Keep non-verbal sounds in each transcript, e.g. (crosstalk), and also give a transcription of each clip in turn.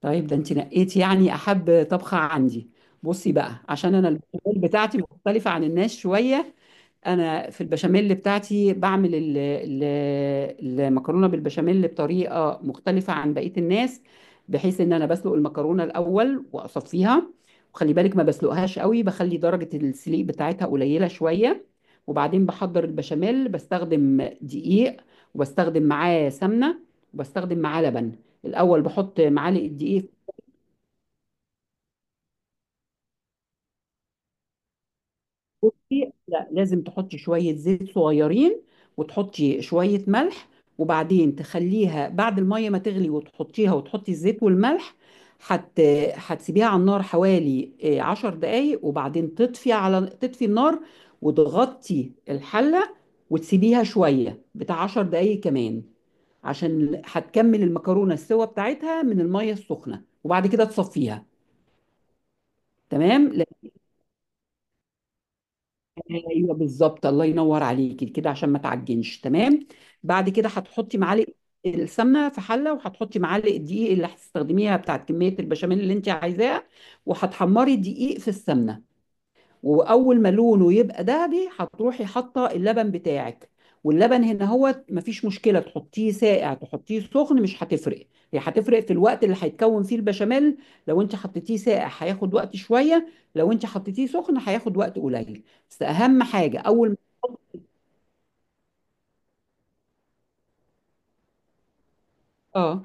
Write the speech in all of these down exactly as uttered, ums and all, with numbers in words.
طيب ده انت نقيت يعني احب طبخه عندي. بصي بقى، عشان انا البشاميل بتاعتي مختلفه عن الناس شويه. انا في البشاميل بتاعتي بعمل ال- ال- المكرونه بالبشاميل بطريقه مختلفه عن بقيه الناس، بحيث ان انا بسلق المكرونه الاول واصفيها. وخلي بالك، ما بسلقهاش قوي، بخلي درجه السليق بتاعتها قليله شويه. وبعدين بحضر البشاميل، بستخدم دقيق، وبستخدم معاه سمنه، وبستخدم معاه لبن. الاول بحط معالق الدقيق. بصي، لا، لازم تحطي شوية زيت صغيرين، وتحطي شوية ملح، وبعدين تخليها بعد المية ما تغلي وتحطيها، وتحطي الزيت والملح. هت هتسيبيها على النار حوالي، آه، عشر دقايق، وبعدين تطفي على تطفي النار، وتغطي الحلة، وتسيبيها شوية بتاع عشر دقايق كمان، عشان هتكمل المكرونة السوا بتاعتها من المية السخنة، وبعد كده تصفيها. تمام، ايوه بالظبط، الله ينور عليكي كده، عشان ما تعجنش، تمام. بعد كده هتحطي معلقه السمنه في حله، وهتحطي معلقه دقيق اللي هتستخدميها بتاعت كميه البشاميل اللي انت عايزاها. وهتحمري الدقيق في السمنه، واول ما لونه يبقى دهبي هتروحي حاطه اللبن بتاعك. واللبن هنا هو مفيش مشكله تحطيه ساقع تحطيه سخن، مش هتفرق. هي هتفرق في الوقت اللي هيتكون فيه البشاميل. لو انت حطيتيه ساقع هياخد وقت شويه، لو انت حطيتيه سخن هياخد وقت قليل. بس اهم حاجه اول ما، اه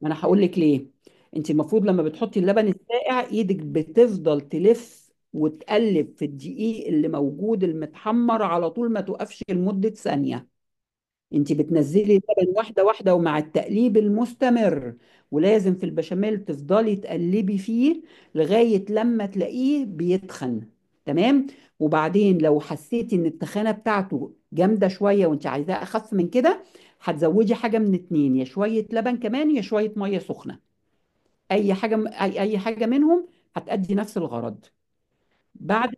ما انا هقول لك ليه. انت المفروض، لما بتحطي اللبن الساقع، ايدك بتفضل تلف وتقلب في الدقيق اللي موجود المتحمر على طول، ما توقفش لمده ثانيه. انت بتنزلي اللبن واحده واحده، ومع التقليب المستمر. ولازم في البشاميل تفضلي تقلبي فيه لغايه لما تلاقيه بيتخن، تمام. وبعدين لو حسيتي ان التخانه بتاعته جامده شويه وانت عايزاه اخف من كده، هتزودي حاجه من اتنين، يا شويه لبن كمان يا شويه ميه سخنه. اي حاجه، اي اي حاجه منهم هتأدي نفس الغرض. بعد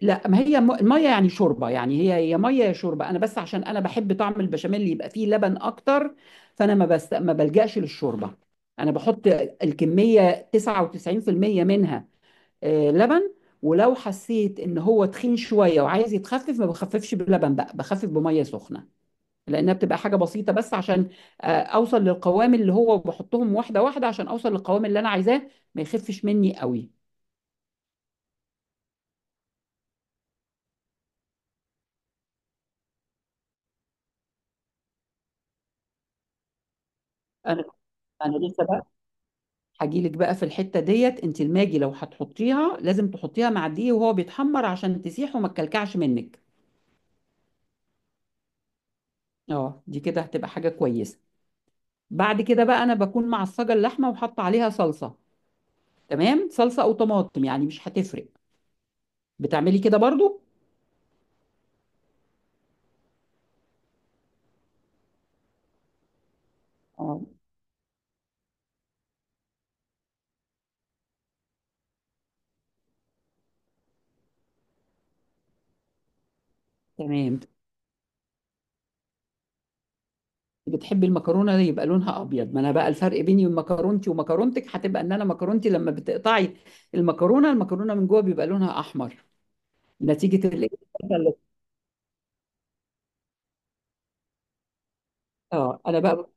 لا، ما هي م- الميه يعني شوربه، يعني هي هي ميه يا شوربه، انا بس عشان انا بحب طعم البشاميل اللي يبقى فيه لبن اكتر. فانا ما بست... ما بلجأش للشوربه. انا بحط الكميه تسعة وتسعين في المية منها آه، لبن. ولو حسيت ان هو تخين شويه وعايز يتخفف، ما بخففش بلبن بقى، بخفف بميه سخنه، لانها بتبقى حاجه بسيطه، بس عشان آه، اوصل للقوام اللي هو بحطهم واحده واحده عشان اوصل للقوام اللي انا عايزاه ما يخفش مني قوي. انا انا لسه هاجيلك بقى في الحتة ديت، انت الماجي لو هتحطيها لازم تحطيها مع الدقيق وهو بيتحمر عشان تسيح وما تكلكعش منك. اه، دي كده هتبقى حاجة كويسة. بعد كده بقى انا بكون معصجة اللحمة وحاطة عليها صلصة، تمام. صلصة او طماطم يعني مش هتفرق، بتعملي كده برضو. اه تمام. بتحبي المكرونة يبقى لونها ابيض، ما انا بقى الفرق بيني وبين مكرونتي ومكرونتك هتبقى ان انا مكرونتي لما بتقطعي المكرونة المكرونة من جوه بيبقى لونها احمر، نتيجة الايه؟ (laughs) اه، انا بقى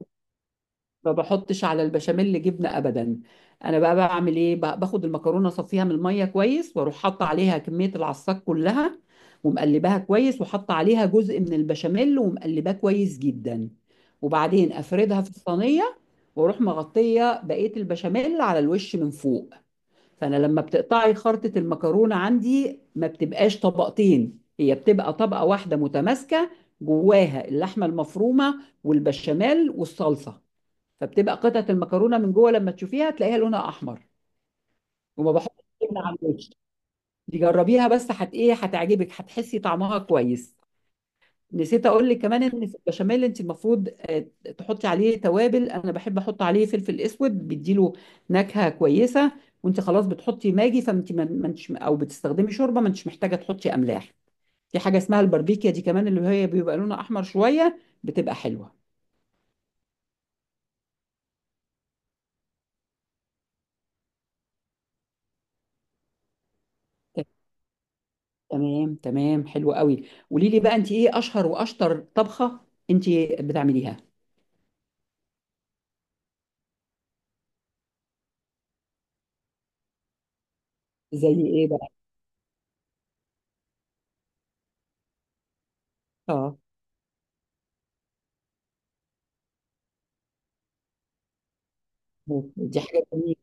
ما بحطش على البشاميل جبنه ابدا. انا بقى بعمل ايه، ب- باخد المكرونه اصفيها من الميه كويس، واروح حاطه عليها كميه العصاك كلها، ومقلباها كويس، وحاطه عليها جزء من البشاميل ومقلباه كويس جدا، وبعدين افردها في الصينيه، واروح مغطيه بقيه البشاميل على الوش من فوق. فانا لما بتقطعي خرطة المكرونة عندي ما بتبقاش طبقتين، هي بتبقى طبقة واحدة متماسكة، جواها اللحمة المفرومة والبشاميل والصلصة. فبتبقى قطعة المكرونة من جوه لما تشوفيها تلاقيها لونها احمر. وما بحطش جبنة على الوش. دي جربيها، بس هت ايه، هتعجبك، هتحسي طعمها كويس. نسيت اقول لك كمان ان في البشاميل انت المفروض، آه، تحطي عليه توابل. انا بحب احط عليه فلفل اسود، بيديله نكهه كويسه. وانت خلاص بتحطي ماجي، فانت ما ما انتش او بتستخدمي شوربه ما انتش محتاجه تحطي املاح. في حاجه اسمها الباربيكيا دي كمان، اللي هي بيبقى لونها احمر شويه، بتبقى حلوه. تمام تمام، حلو قوي. قولي لي بقى، انت ايه اشهر واشطر طبخه انت بتعمليها، زي ايه بقى؟ اه، دي حاجه جميله.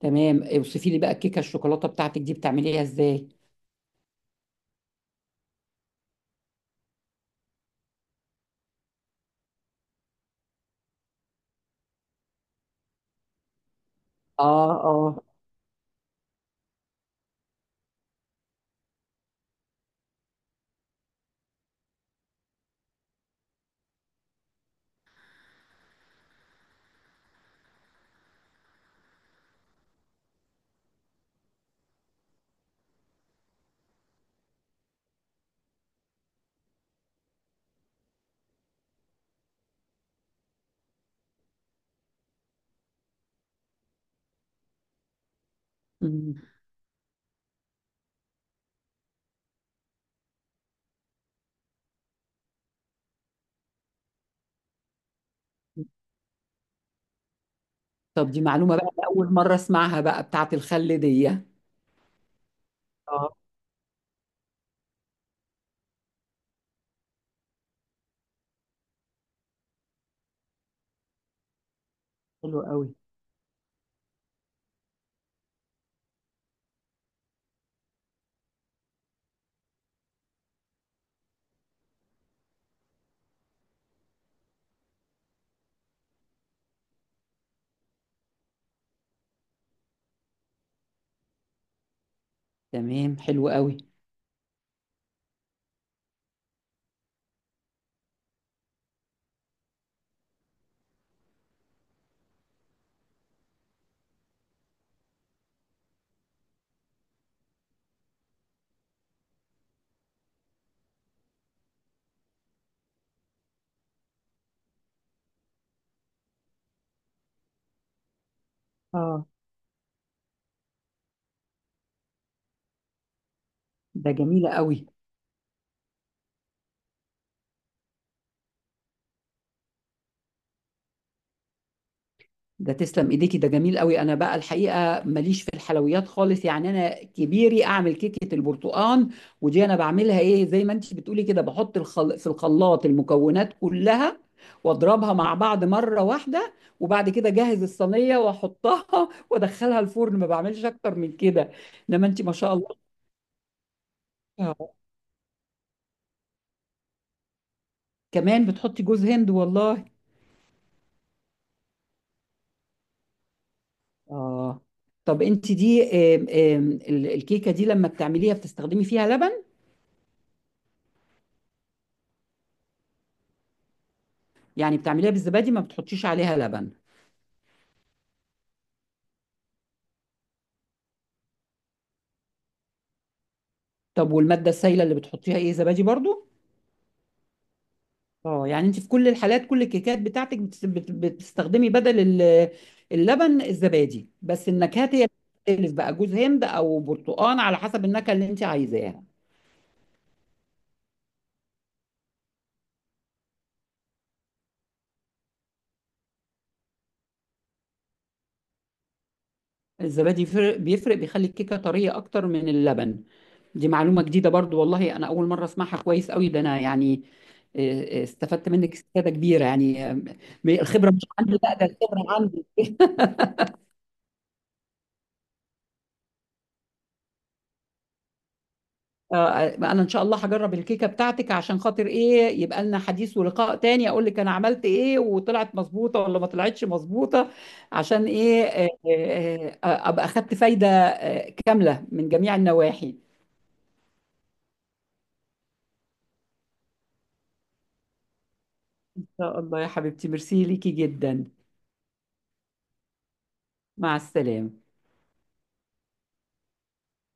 تمام، اوصفي لي بقى الكيكه الشوكولاته بتاعتك دي بتعمليها ازاي. اه، اه. مم. طب دي معلومة بقى، أنا أول مرة أسمعها، بقى بتاعة الخل دي. اه، حلو قوي. تمام، حلو قوي. اه، ده جميلة قوي. ده تسلم ايديكي، ده جميل قوي. انا بقى الحقيقه ماليش في الحلويات خالص، يعني انا كبيري اعمل كيكه البرتقال. ودي انا بعملها ايه، زي ما انت بتقولي كده، بحط الخل... في الخلاط المكونات كلها، واضربها مع بعض مره واحده، وبعد كده اجهز الصينيه واحطها (laughs) وادخلها الفرن، ما بعملش اكتر من كده. انما انت ما شاء الله. (laughs) كمان بتحطي جوز هند والله؟ اه، طب انت دي آم، آم، ال- الكيكه دي لما بتعمليها بتستخدمي فيها لبن؟ يعني بتعمليها بالزبادي، ما بتحطيش عليها لبن؟ طب والمادة السائلة اللي بتحطيها ايه، زبادي برضو؟ اه، يعني انت في كل الحالات، كل الكيكات بتاعتك بتس- بت- بتستخدمي بدل ال- اللبن الزبادي، بس النكهات هي بتختلف بقى، جوز هند او برتقان على حسب النكهة اللي انت عايزاها. الزبادي يفرق- بيفرق، بيخلي الكيكة طرية اكتر من اللبن. دي معلومة جديدة برضو والله، أنا أول مرة أسمعها، كويس قوي ده، أنا يعني آه، آه، استفدت منك استفادة كبيرة، يعني آه، م- الخبرة مش عندي، لا ده الخبرة عندي. آه، انا ان شاء الله هجرب الكيكه بتاعتك، عشان خاطر ايه يبقى لنا حديث ولقاء تاني، اقول لك انا عملت ايه وطلعت مظبوطه ولا ما طلعتش مظبوطه. عشان ايه، آه، آه، آه، ابقى اخدت فايده آه، كامله من جميع النواحي. ان شاء الله يا حبيبتي، ميرسي ليكي جدا، مع السلامه.